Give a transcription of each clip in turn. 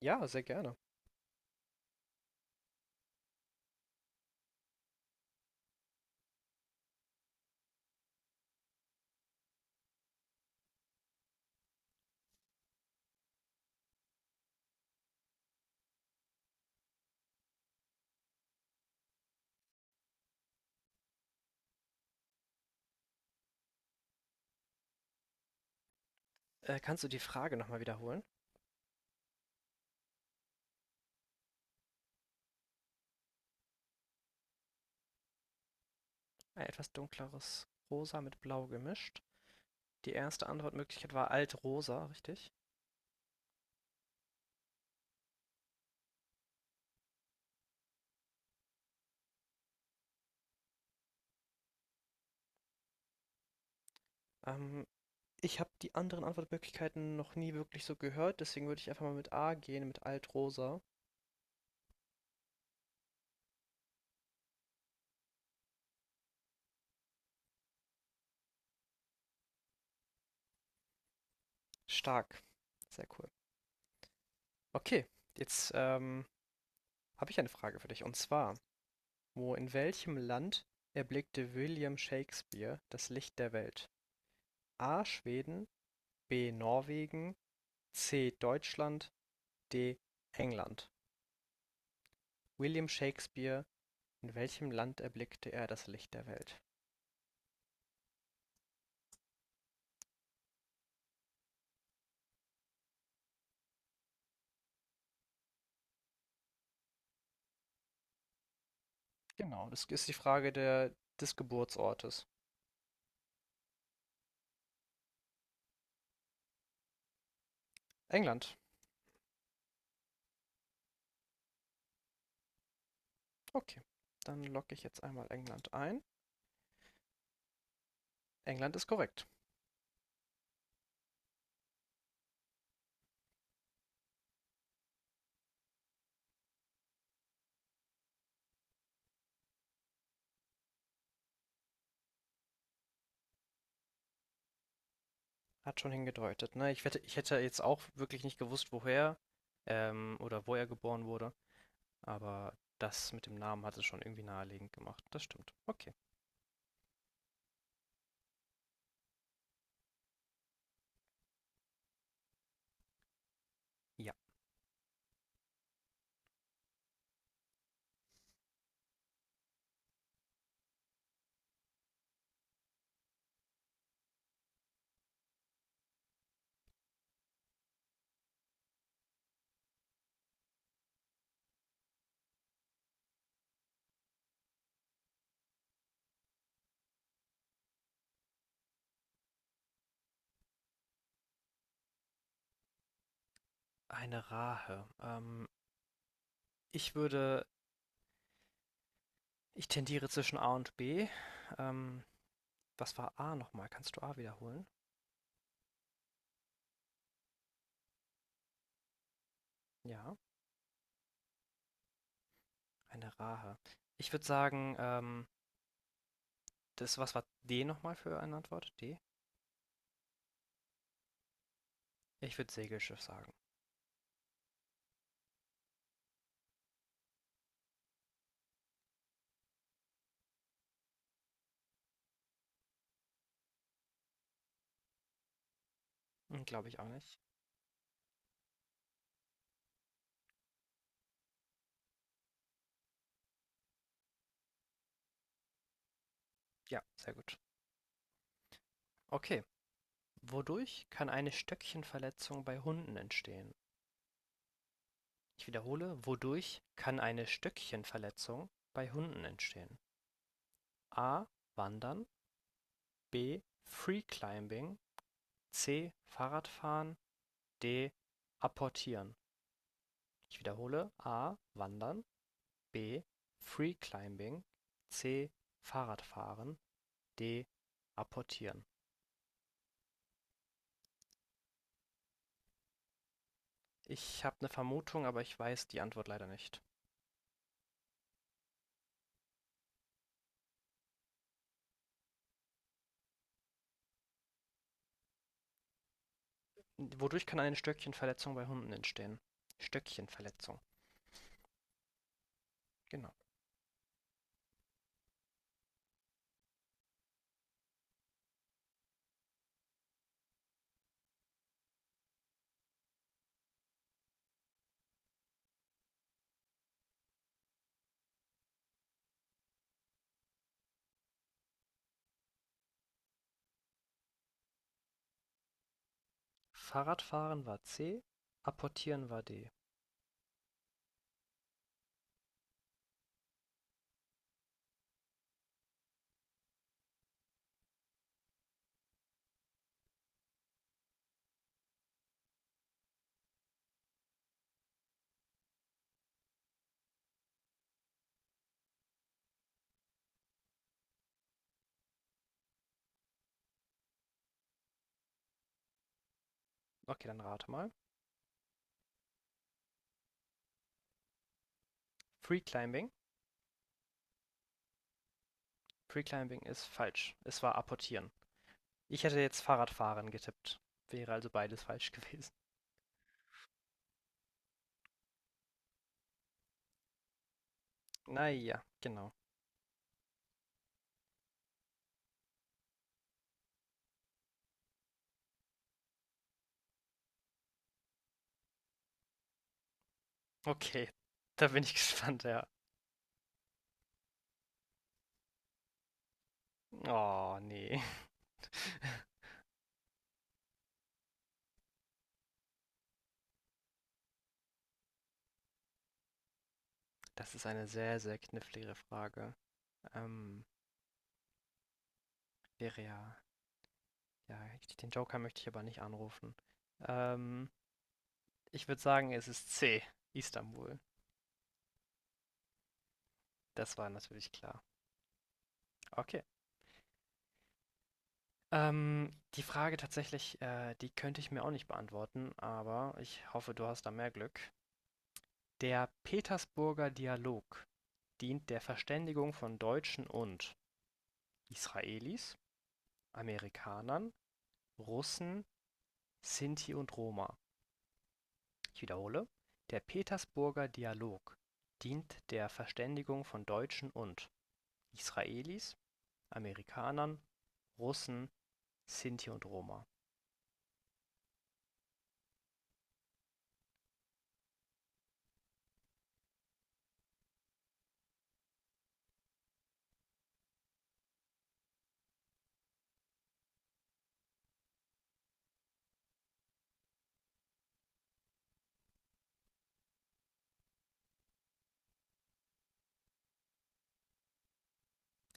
Ja, sehr gerne. Kannst du die Frage noch mal wiederholen? Ein etwas dunkleres Rosa mit Blau gemischt. Die erste Antwortmöglichkeit war Altrosa, richtig? Ähm, Ich habe die anderen Antwortmöglichkeiten noch nie wirklich so gehört, deswegen würde ich einfach mal mit A gehen, mit Altrosa. Stark. Sehr cool. Okay, jetzt habe ich eine Frage für dich. Und zwar, wo in welchem Land erblickte William Shakespeare das Licht der Welt? A. Schweden, B. Norwegen, C. Deutschland, D. England: William Shakespeare, in welchem Land erblickte er das Licht der Welt? Genau, das ist die Frage der des Geburtsortes. England. Okay, dann logge ich jetzt einmal England ein. England ist korrekt. Hat schon hingedeutet, ne? Ich wette, ich hätte jetzt auch wirklich nicht gewusst, woher, oder wo er geboren wurde, aber das mit dem Namen hat es schon irgendwie naheliegend gemacht. Das stimmt. Okay. Ja, eine Rahe. Ich würde, Ich tendiere zwischen A und B. Ähm, was war A nochmal? Kannst du A wiederholen? Ja, eine Rahe. Ich würde sagen, das, was war D nochmal für eine Antwort? D? Ich würde Segelschiff sagen. Hm, glaube ich auch nicht. Ja, sehr gut. Okay. Wodurch kann eine Stöckchenverletzung bei Hunden entstehen? Ich wiederhole, wodurch kann eine Stöckchenverletzung bei Hunden entstehen? A. Wandern. B. Free Climbing. C. Fahrradfahren. D. Apportieren. Ich wiederhole, A. Wandern. B. Freeclimbing. C. Fahrradfahren. D. Apportieren. Ich habe eine Vermutung, aber ich weiß die Antwort leider nicht. Wodurch kann eine Stöckchenverletzung bei Hunden entstehen? Stöckchenverletzung, genau. Fahrradfahren war C, Apportieren war D. Okay, dann rate mal. Freeclimbing. Freeclimbing ist falsch. Es war Apportieren. Ich hätte jetzt Fahrradfahren getippt. Wäre also beides falsch gewesen. Na ja, genau. Okay, da bin ich gespannt, ja. Oh, nee. Das ist eine sehr, sehr knifflige Frage. Ähm, wäre ja ja, ich, den Joker möchte ich aber nicht anrufen. Ähm, Ich würde sagen, es ist C, Istanbul. Das war natürlich klar. Okay. Die Frage tatsächlich, die könnte ich mir auch nicht beantworten, aber ich hoffe, du hast da mehr Glück. Der Petersburger Dialog dient der Verständigung von Deutschen und Israelis, Amerikanern, Russen, Sinti und Roma. Ich wiederhole: Der Petersburger Dialog dient der Verständigung von Deutschen und Israelis, Amerikanern, Russen, Sinti und Roma.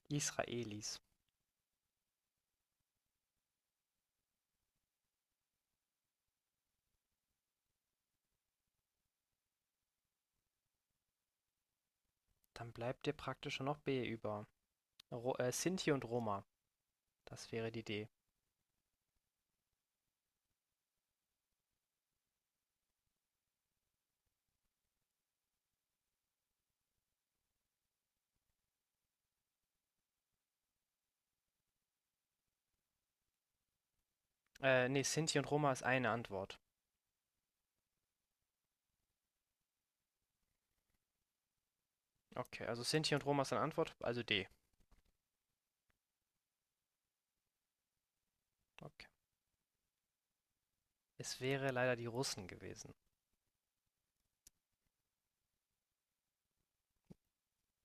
Israelis. Dann bleibt dir praktisch noch B über. Ro Sinti und Roma. Das wäre die D. Nee, Sinti und Roma ist eine Antwort. Okay, also Sinti und Roma ist eine Antwort, also D. Okay. Es wäre leider die Russen gewesen.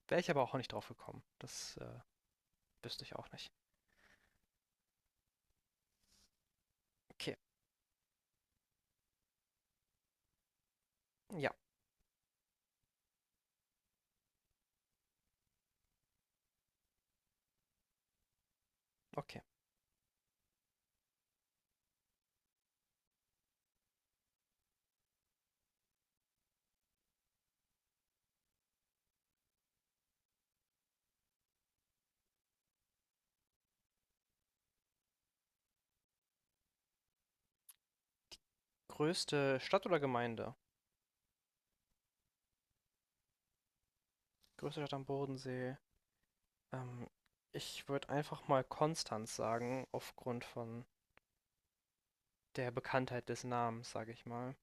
Wäre ich aber auch nicht drauf gekommen. Das wüsste ich auch nicht. Okay, ja, okay. Größte Stadt oder Gemeinde? Größte Stadt am Bodensee. Ähm, Ich würde einfach mal Konstanz sagen, aufgrund von der Bekanntheit des Namens, sage ich mal.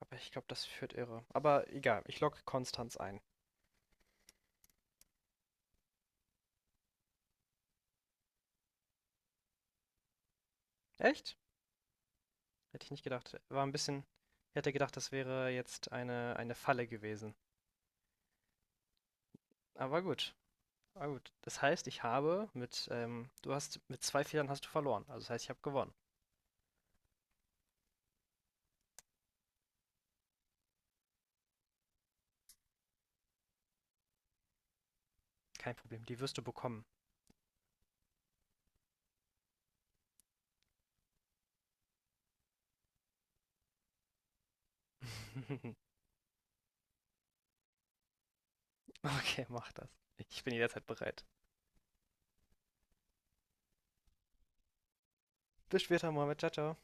Aber ich glaube, das führt irre. Aber egal, ich logge Konstanz ein. Echt? Hätte ich nicht gedacht. War ein bisschen. Ich hätte gedacht, das wäre jetzt eine Falle gewesen. Aber gut. Aber gut. Das heißt, ich habe mit, du hast, mit zwei Fehlern hast du verloren. Also das heißt, ich habe gewonnen. Kein Problem, die wirst du bekommen. Okay, mach das. Ich bin jederzeit bereit. Bis später, Mohammed. Ciao, ciao.